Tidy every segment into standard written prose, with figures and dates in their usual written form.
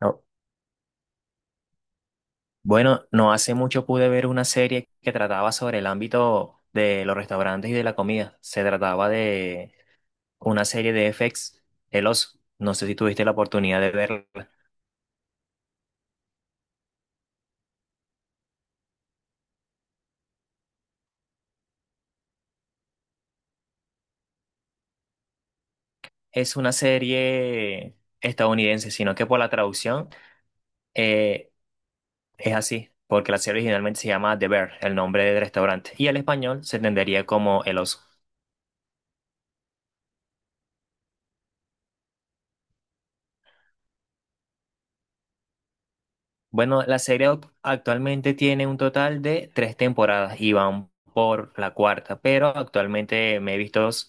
No, bueno, no hace mucho pude ver una serie que trataba sobre el ámbito de los restaurantes y de la comida. Se trataba de una serie de FX, El Oso. No sé si tuviste la oportunidad de verla. Es una serie estadounidense, sino que por la traducción eh, es así, porque la serie originalmente se llama The Bear, el nombre del restaurante, y el español se entendería como El Oso. Bueno, la serie actualmente tiene un total de tres temporadas y van por la cuarta, pero actualmente me he visto dos.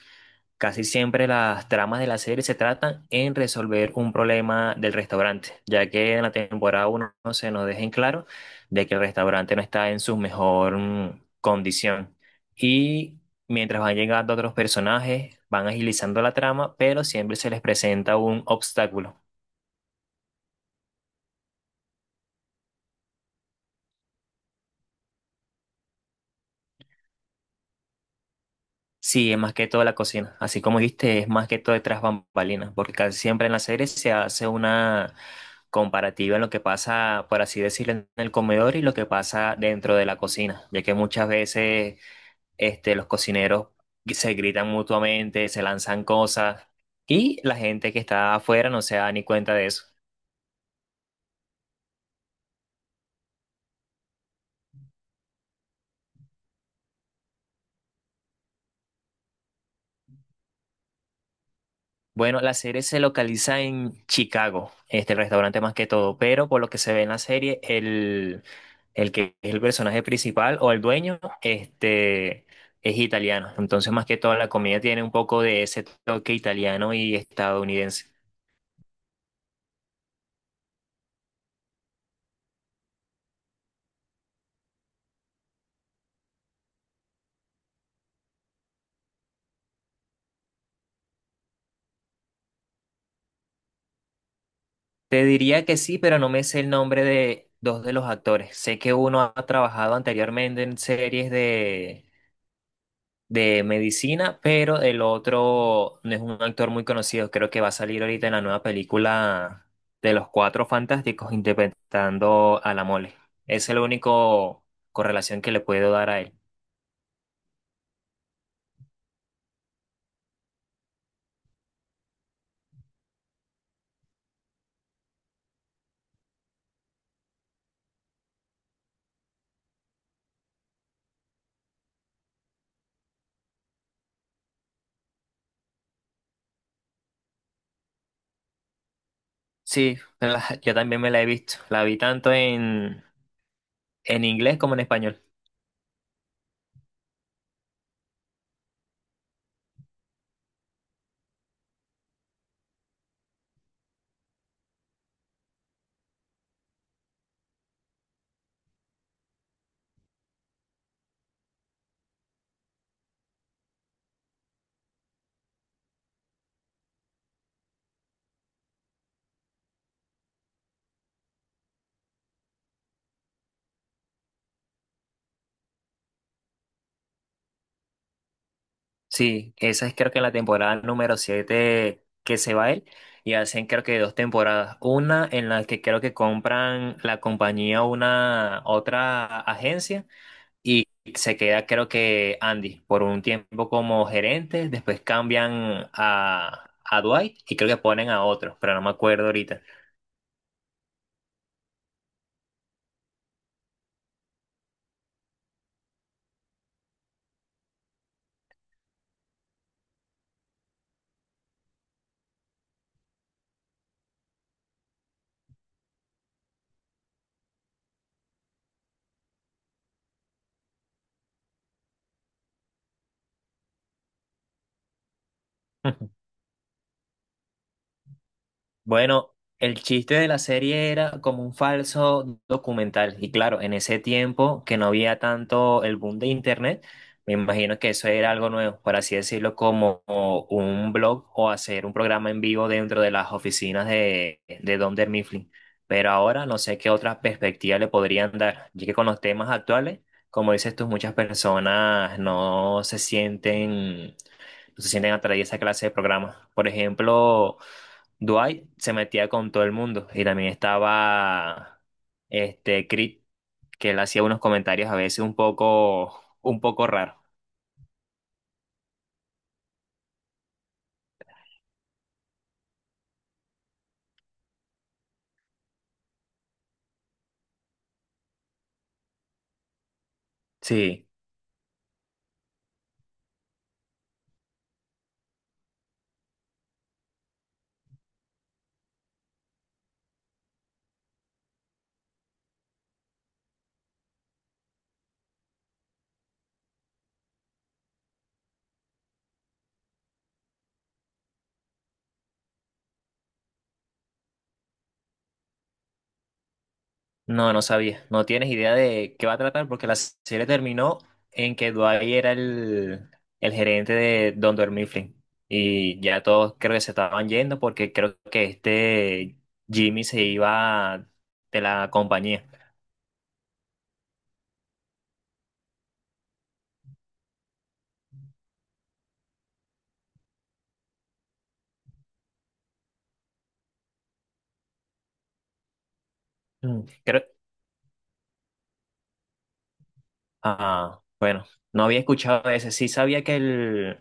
Casi siempre las tramas de la serie se tratan en resolver un problema del restaurante, ya que en la temporada uno no se nos deja en claro de que el restaurante no está en su mejor condición. Y mientras van llegando otros personajes, van agilizando la trama, pero siempre se les presenta un obstáculo. Sí, es más que todo la cocina. Así como dijiste, es más que todo detrás bambalinas, porque casi siempre en la serie se hace una comparativa en lo que pasa, por así decirlo, en el comedor y lo que pasa dentro de la cocina, ya que muchas veces este, los cocineros se gritan mutuamente, se lanzan cosas y la gente que está afuera no se da ni cuenta de eso. Bueno, la serie se localiza en Chicago, este el restaurante más que todo, pero por lo que se ve en la serie, el que es el personaje principal o el dueño, este, es italiano. Entonces, más que todo, la comida tiene un poco de ese toque italiano y estadounidense. Te diría que sí, pero no me sé el nombre de dos de los actores. Sé que uno ha trabajado anteriormente en series de medicina, pero el otro no es un actor muy conocido, creo que va a salir ahorita en la nueva película de los Cuatro Fantásticos interpretando a la Mole. Es el único correlación que le puedo dar a él. Sí, la- yo también me la he visto, la vi tanto en inglés como en español. Sí, esa es creo que la temporada número 7 que se va él y hacen creo que dos temporadas. Una en la que creo que compran la compañía a una otra agencia y se queda creo que Andy por un tiempo como gerente, después cambian a Dwight y creo que ponen a otro, pero no me acuerdo ahorita. Bueno, el chiste de la serie era como un falso documental. Y claro, en ese tiempo que no había tanto el boom de internet, me imagino que eso era algo nuevo, por así decirlo, como un blog o hacer un programa en vivo dentro de las oficinas de Don Mifflin. Pero ahora no sé qué otras perspectivas le podrían dar, ya que con los temas actuales, como dices tú, muchas personas no se sienten atraídas a esa clase de programas. Por ejemplo, Dwight se metía con todo el mundo y también estaba este Creed, que él hacía unos comentarios a veces un poco raros. Sí, no, no sabía. No tienes idea de qué va a tratar porque la serie terminó en que Dwight era el gerente de Don Mifflin y ya todos creo que se estaban yendo porque creo que este Jimmy se iba de la compañía. Mm, creo, ah, bueno, no había escuchado ese. Sí sabía que el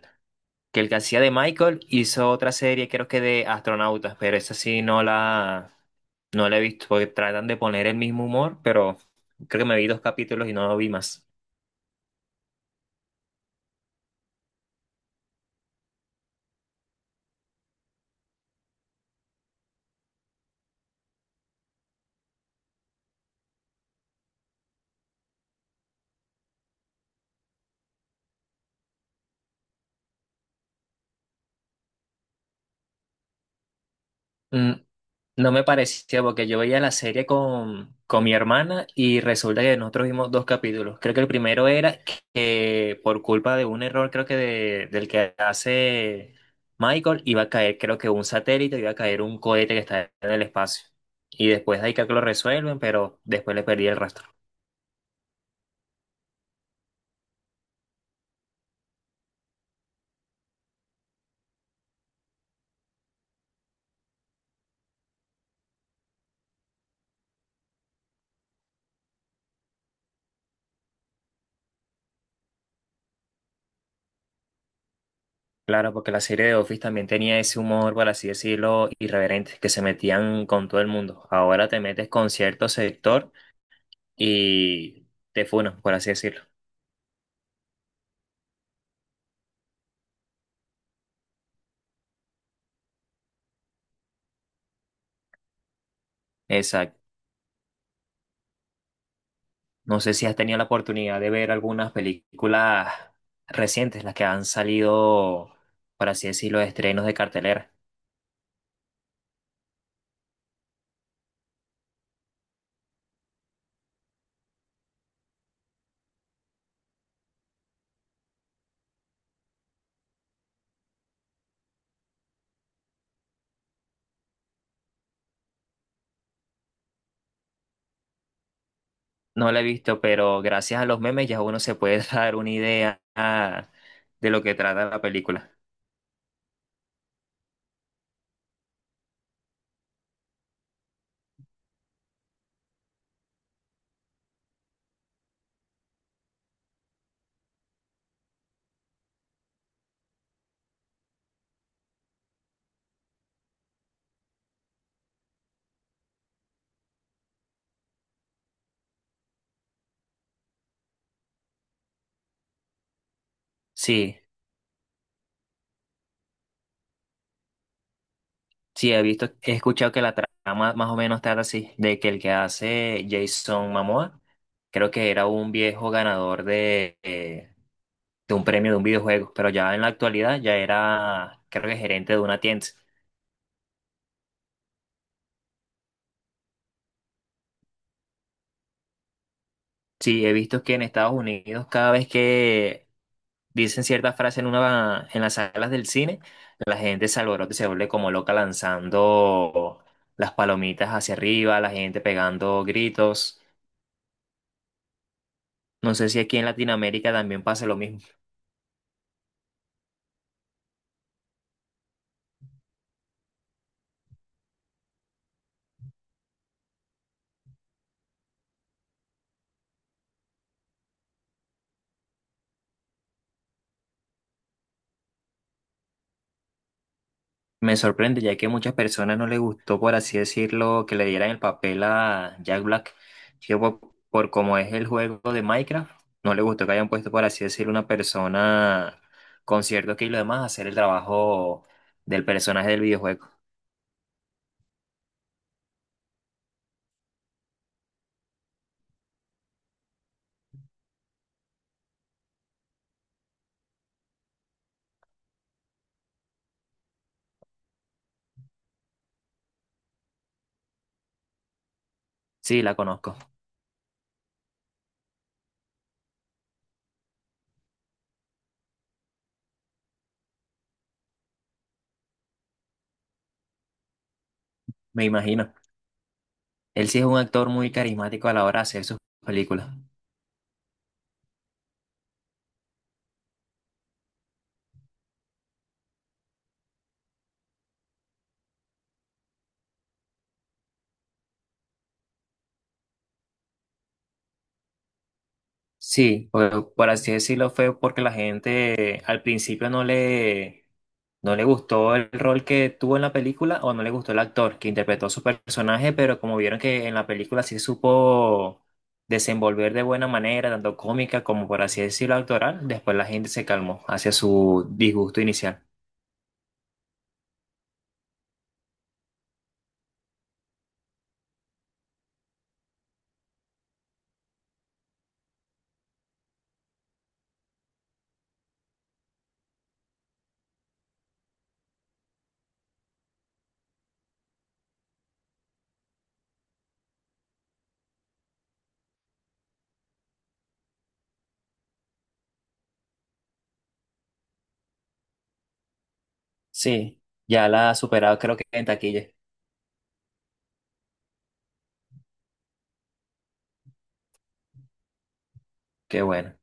que el que hacía de Michael hizo otra serie, creo que de astronautas, pero esa sí no la he visto, porque tratan de poner el mismo humor, pero creo que me vi dos capítulos y no lo vi más. Mm, No me parecía porque yo veía la serie con mi hermana y resulta que nosotros vimos dos capítulos. Creo que el primero era que por culpa de un error, creo que del que hace Michael, iba a caer, creo que un satélite, iba a caer un cohete que está en el espacio. Y después de ahí creo que lo resuelven, pero después le perdí el rastro. Claro, porque la serie de Office también tenía ese humor, por así decirlo, irreverente, que se metían con todo el mundo. Ahora te metes con cierto sector y te funan, por así decirlo. Exacto. No sé si has tenido la oportunidad de ver algunas películas recientes, las que han salido, por así decirlo, estrenos de cartelera. No la he visto, pero gracias a los memes ya uno se puede dar una idea ah, de lo que trata la película. Sí, sí, he visto, he escuchado que la trama más o menos trata así, de que el que hace Jason Momoa, creo que era un viejo ganador de un premio de un videojuego, pero ya en la actualidad ya era, creo que gerente de una tienda. Sí, he visto que en Estados Unidos cada vez que dicen cierta frase en una en las salas del cine, la gente se alborota y se vuelve como loca lanzando las palomitas hacia arriba, la gente pegando gritos. No sé si aquí en Latinoamérica también pasa lo mismo. Me sorprende ya que a muchas personas no les gustó, por así decirlo, que le dieran el papel a Jack Black. Yo, por, por como es el juego de Minecraft, no le gustó que hayan puesto, por así decirlo, una persona con cierto que y lo demás a hacer el trabajo del personaje del videojuego. Sí, la conozco, me imagino. Él sí es un actor muy carismático a la hora de hacer sus películas. Sí, por así decirlo, fue porque la gente al principio no le gustó el rol que tuvo en la película o no le gustó el actor que interpretó su personaje, pero como vieron que en la película sí supo desenvolver de buena manera, tanto cómica como por así decirlo actoral, después la gente se calmó hacia su disgusto inicial. Sí, ya la ha superado creo que en taquilla. Qué bueno.